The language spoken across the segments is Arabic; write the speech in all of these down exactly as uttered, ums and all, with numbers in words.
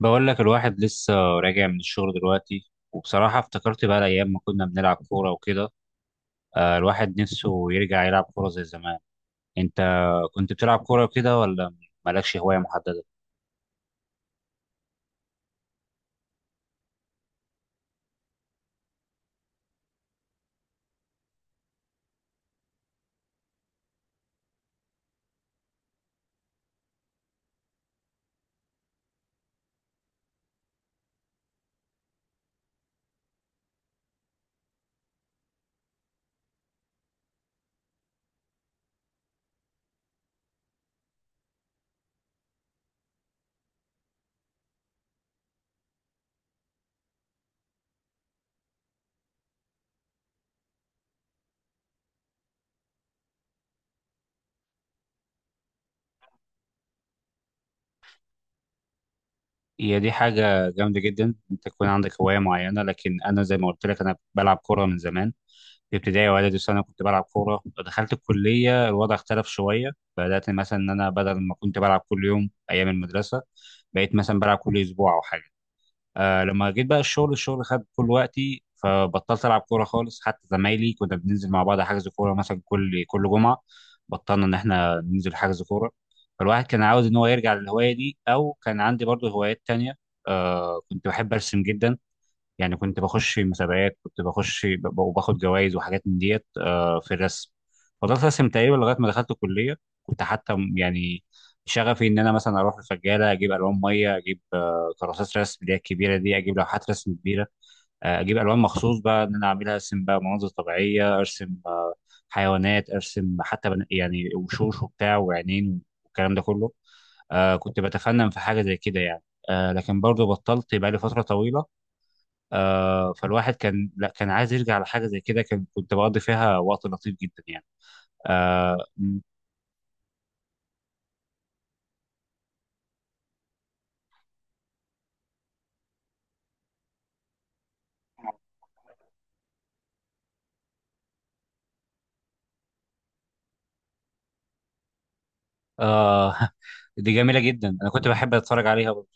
بقول لك الواحد لسه راجع من الشغل دلوقتي، وبصراحة افتكرت بقى الأيام ما كنا بنلعب كورة وكده. آه، الواحد نفسه يرجع يلعب كورة زي زمان. أنت كنت بتلعب كورة وكده، ولا مالكش هواية محددة؟ هي دي حاجة جامدة جدا، أنت تكون عندك هواية معينة. لكن أنا زي ما قلت لك، أنا بلعب كورة من زمان. في ابتدائي وإعدادي وثانوي كنت بلعب كورة. دخلت الكلية، الوضع اختلف شوية. بدأت مثلا إن أنا بدل ما كنت بلعب كل يوم أيام المدرسة، بقيت مثلا بلعب كل أسبوع أو حاجة. آه، لما جيت بقى الشغل الشغل خد كل وقتي، فبطلت العب كوره خالص. حتى زمايلي كنا بننزل مع بعض حجز كوره مثلا كل كل جمعه، بطلنا ان احنا ننزل حجز كوره. فالواحد كان عاوز ان هو يرجع للهوايه دي، او كان عندي برضو هوايات تانية. آه كنت بحب ارسم جدا. يعني كنت بخش مسابقات، كنت بخش ب- وباخد جوائز وحاجات من ديت آه، في الرسم. فضلت ارسم تقريبا لغايه ما دخلت الكليه. كنت حتى م- يعني شغفي ان انا مثلا اروح الفجاله، اجيب الوان ميه، اجيب آه، كراسات رسم اللي هي الكبيره دي، اجيب لوحات رسم كبيره، آه، اجيب الوان مخصوص بقى ان انا اعملها. ارسم بقى مناظر طبيعيه، ارسم آه، حيوانات، ارسم حتى بن- يعني وشوش وبتاع وعينين والكلام ده كله. آه، كنت بتفنن في حاجه زي كده يعني. آه، لكن برضه بطلت بقى لي فتره طويله. آه فالواحد كان، لا، كان عايز يرجع لحاجه زي كده، كان كنت بقضي فيها وقت لطيف جدا يعني. آه. م- آه. دي جميله جدا، انا كنت بحب اتفرج عليها برضه.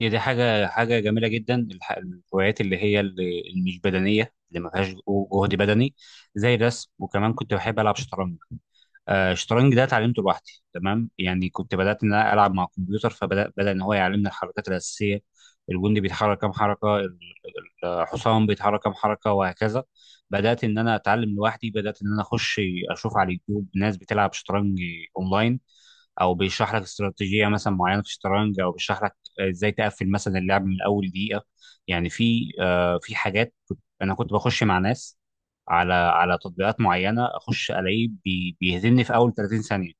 هي دي حاجة حاجة جميلة جدا، الح- الهوايات اللي هي اللي اللي مش بدنية، اللي ما فيهاش جهد بدني. زي الرسم. وكمان كنت بحب ألعب شطرنج. آه، الشطرنج ده اتعلمته لوحدي تمام يعني. كنت بدأت إن أنا ألعب مع الكمبيوتر، فبدأ بدأ إن هو يعلمني الحركات الأساسية. الجندي بيتحرك كام حركة، ال- ال- الحصان بيتحرك كام حركة وهكذا. بدأت إن أنا أتعلم لوحدي. بدأت إن أنا أخش أشوف على اليوتيوب ناس بتلعب شطرنج أونلاين، او بيشرح لك استراتيجيه مثلا معينه في الشطرنج، او بيشرح لك ازاي تقفل مثلا اللعب من اول دقيقه. يعني في آه في حاجات، كنت- انا كنت بخش مع ناس على على تطبيقات معينه، اخش الاقيه بي- بيهزمني في اول ثلاثين ثانيه.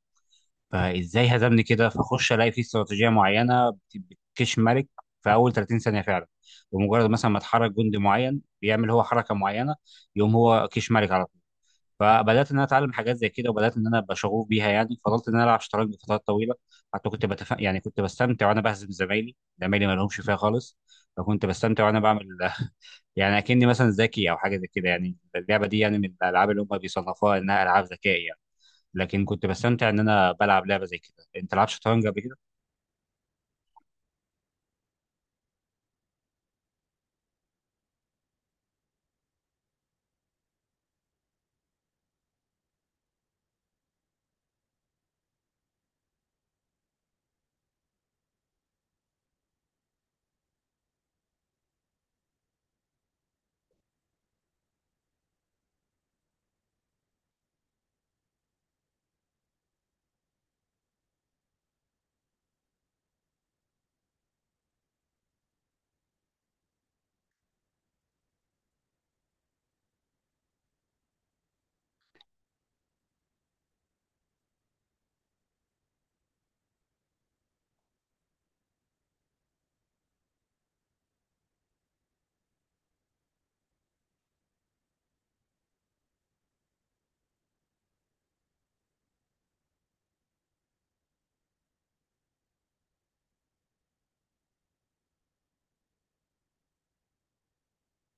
فازاي هزمني كده؟ فاخش الاقي في استراتيجيه معينه بت- بتكش ملك في اول ثلاثين ثانيه فعلا. بمجرد مثلا ما اتحرك جندي معين، بيعمل هو حركه معينه، يقوم هو كيش ملك على. فبدات ان انا اتعلم حاجات زي كده، وبدات ان انا ابقى شغوف بيها. يعني فضلت ان انا العب شطرنج لفترات طويله. حتى كنت بتف... يعني كنت بستمتع وانا بهزم زمايلي. زمايلي ما لهمش فيها خالص، فكنت بستمتع وانا بعمل يعني اكني مثلا ذكي او حاجه زي كده. يعني اللعبه دي يعني من الالعاب اللي هم بيصنفوها انها العاب ذكاء يعني. لكن كنت بستمتع ان انا بلعب لعبه زي كده. انت لعبت شطرنج قبل كده؟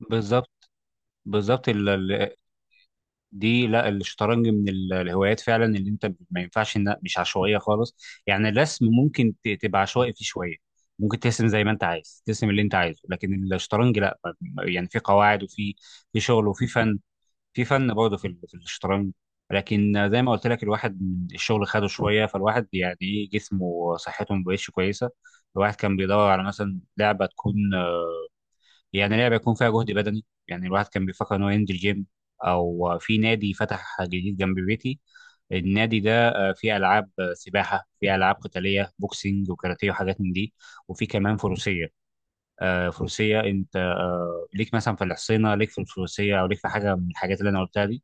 بالظبط، بالظبط. دي، لا، الشطرنج من ال- الهوايات فعلا اللي انت ما ينفعش انها مش عشوائيه خالص. يعني الرسم ممكن ت- تبقى عشوائي فيه شويه، ممكن ترسم زي ما انت عايز، ترسم اللي انت عايزه. لكن الشطرنج لا، يعني في قواعد، وفي في شغل، وفي فن. في فن برضه في ال- في الشطرنج. لكن زي ما قلت لك، الواحد من الشغل خده شويه، فالواحد يعني ايه، جسمه وصحته ما بقتش كويسه. الواحد كان بيدور على مثلا لعبه تكون، يعني لعبه يكون فيها جهد بدني. يعني الواحد كان بيفكر ان هو ينزل جيم. او في نادي فتح جديد جنب بيتي. النادي ده آه، فيه العاب آه، سباحه، فيه العاب قتاليه، بوكسينج وكاراتيه وحاجات من دي. وفي كمان فروسيه. آه، فروسيه. انت آه، ليك مثلا في الحصينه؟ ليك في الفروسيه؟ او ليك في حاجه من الحاجات اللي انا قلتها دي؟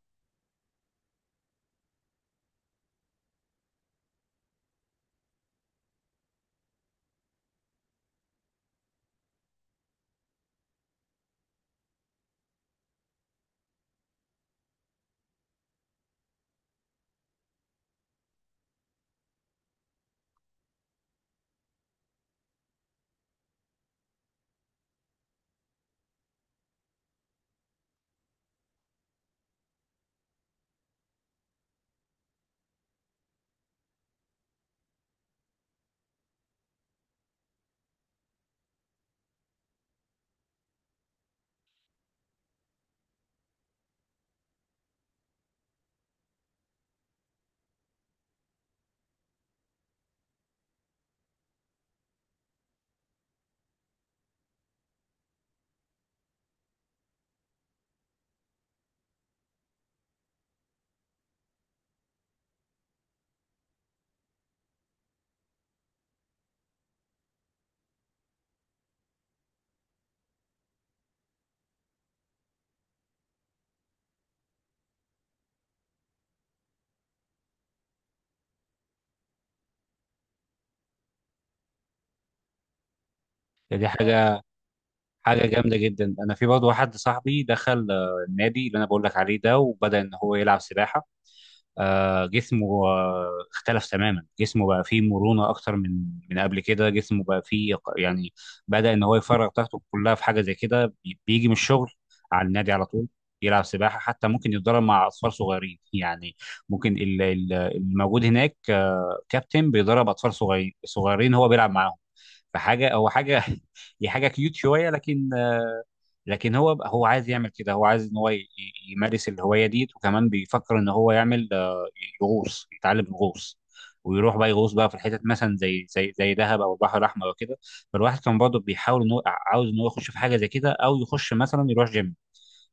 دي حاجه حاجه جامده جدا. انا في برضه واحد صاحبي دخل آه، النادي اللي انا بقول لك عليه ده، وبدا ان هو يلعب سباحه. آه، جسمه آه، اختلف تماما. جسمه بقى فيه مرونة أكتر من من قبل كده. جسمه بقى فيه ق- يعني بدأ إن هو يفرغ طاقته كلها في حاجة زي كده. بي- بيجي من الشغل على النادي على طول، يلعب سباحة. حتى ممكن يتدرب مع أطفال صغيرين يعني. ممكن ال- ال- الموجود هناك، آه، كابتن بيدرب أطفال صغيرين صغيرين، هو بيلعب معاهم. فحاجة هو حاجة هي حاجة كيوت شوية. لكن لكن هو هو عايز يعمل كده، هو عايز ان هو ي- ي- يمارس الهوايه دي. وكمان بيفكر ان هو يعمل آه، يغوص، يتعلم الغوص، ويروح بقى يغوص بقى في الحتت مثلا زي زي زي دهب او البحر الاحمر وكده. فالواحد كان برضه بيحاول ان هو عاوز ان هو يخش في حاجه زي كده، او يخش مثلا يروح جيم.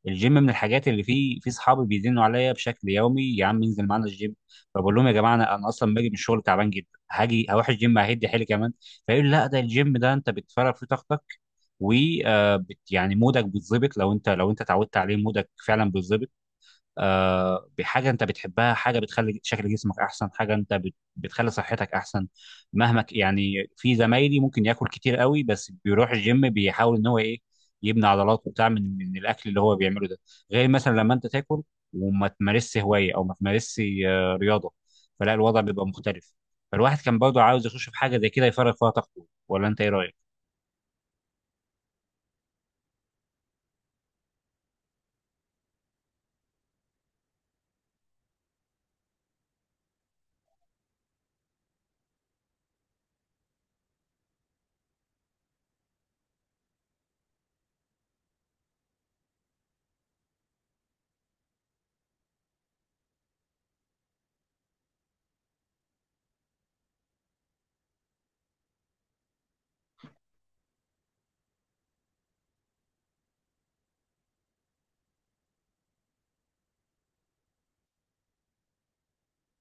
الجيم من الحاجات اللي فيه في صحابي بيزنوا عليا بشكل يومي: يا عم انزل معانا الجيم. فبقول لهم يا جماعه، انا انا اصلا باجي من الشغل تعبان جدا، هاجي هروح الجيم ههد حيلي كمان. فيقول لا، ده الجيم ده انت بتفرغ فيه طاقتك، و آه، بت- يعني مودك بيتظبط. لو انت لو انت اتعودت عليه، مودك فعلا بيتظبط آه، بحاجه انت بتحبها، حاجه بتخلي شكل جسمك احسن، حاجه انت بت- بتخلي صحتك احسن. مهما ك- يعني في زمايلي ممكن ياكل كتير قوي، بس بيروح الجيم بيحاول ان هو ايه، يبني عضلات وبتاع من من الاكل اللي هو بيعمله ده. غير مثلا لما انت تاكل وما تمارسش هوايه، او ما تمارسش آه، رياضه، فلا، الوضع بيبقى مختلف. فالواحد كان برضه عاوز يخش في حاجه زي كده يفرغ فيها طاقته. ولا انت ايه رايك؟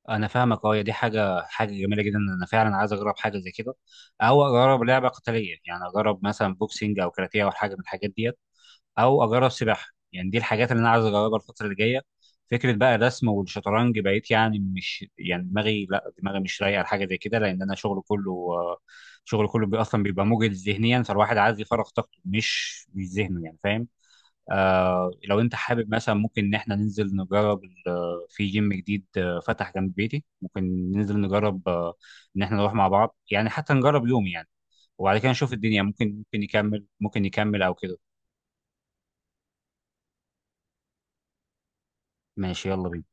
انا فاهمك. اه، هي دي حاجه حاجه جميله جدا. انا فعلا عايز اجرب حاجه زي كده، او اجرب لعبه قتاليه. يعني اجرب مثلا بوكسينج او كاراتيه او حاجه من الحاجات ديت، او اجرب سباحه. يعني دي الحاجات اللي انا عايز اجربها الفتره اللي جايه. فكره بقى الرسم والشطرنج بقيت يعني مش، يعني دماغي، لا، دماغي مش رايقه لحاجه زي كده، لان انا شغل كله آه، شغل كله بي- اصلا بيبقى مجهد ذهنيا. فالواحد عايز يفرغ طاقته، مش مش ذهنه يعني، فاهم. آه لو انت حابب مثلا، ممكن ان احنا ننزل نجرب، ال- في جيم جديد آه، فتح جنب بيتي، ممكن ننزل نجرب آه، ان احنا نروح مع بعض، يعني حتى نجرب يوم يعني. وبعد كده نشوف الدنيا، ممكن ممكن نكمل، ممكن نكمل او كده. ماشي، يلا بينا.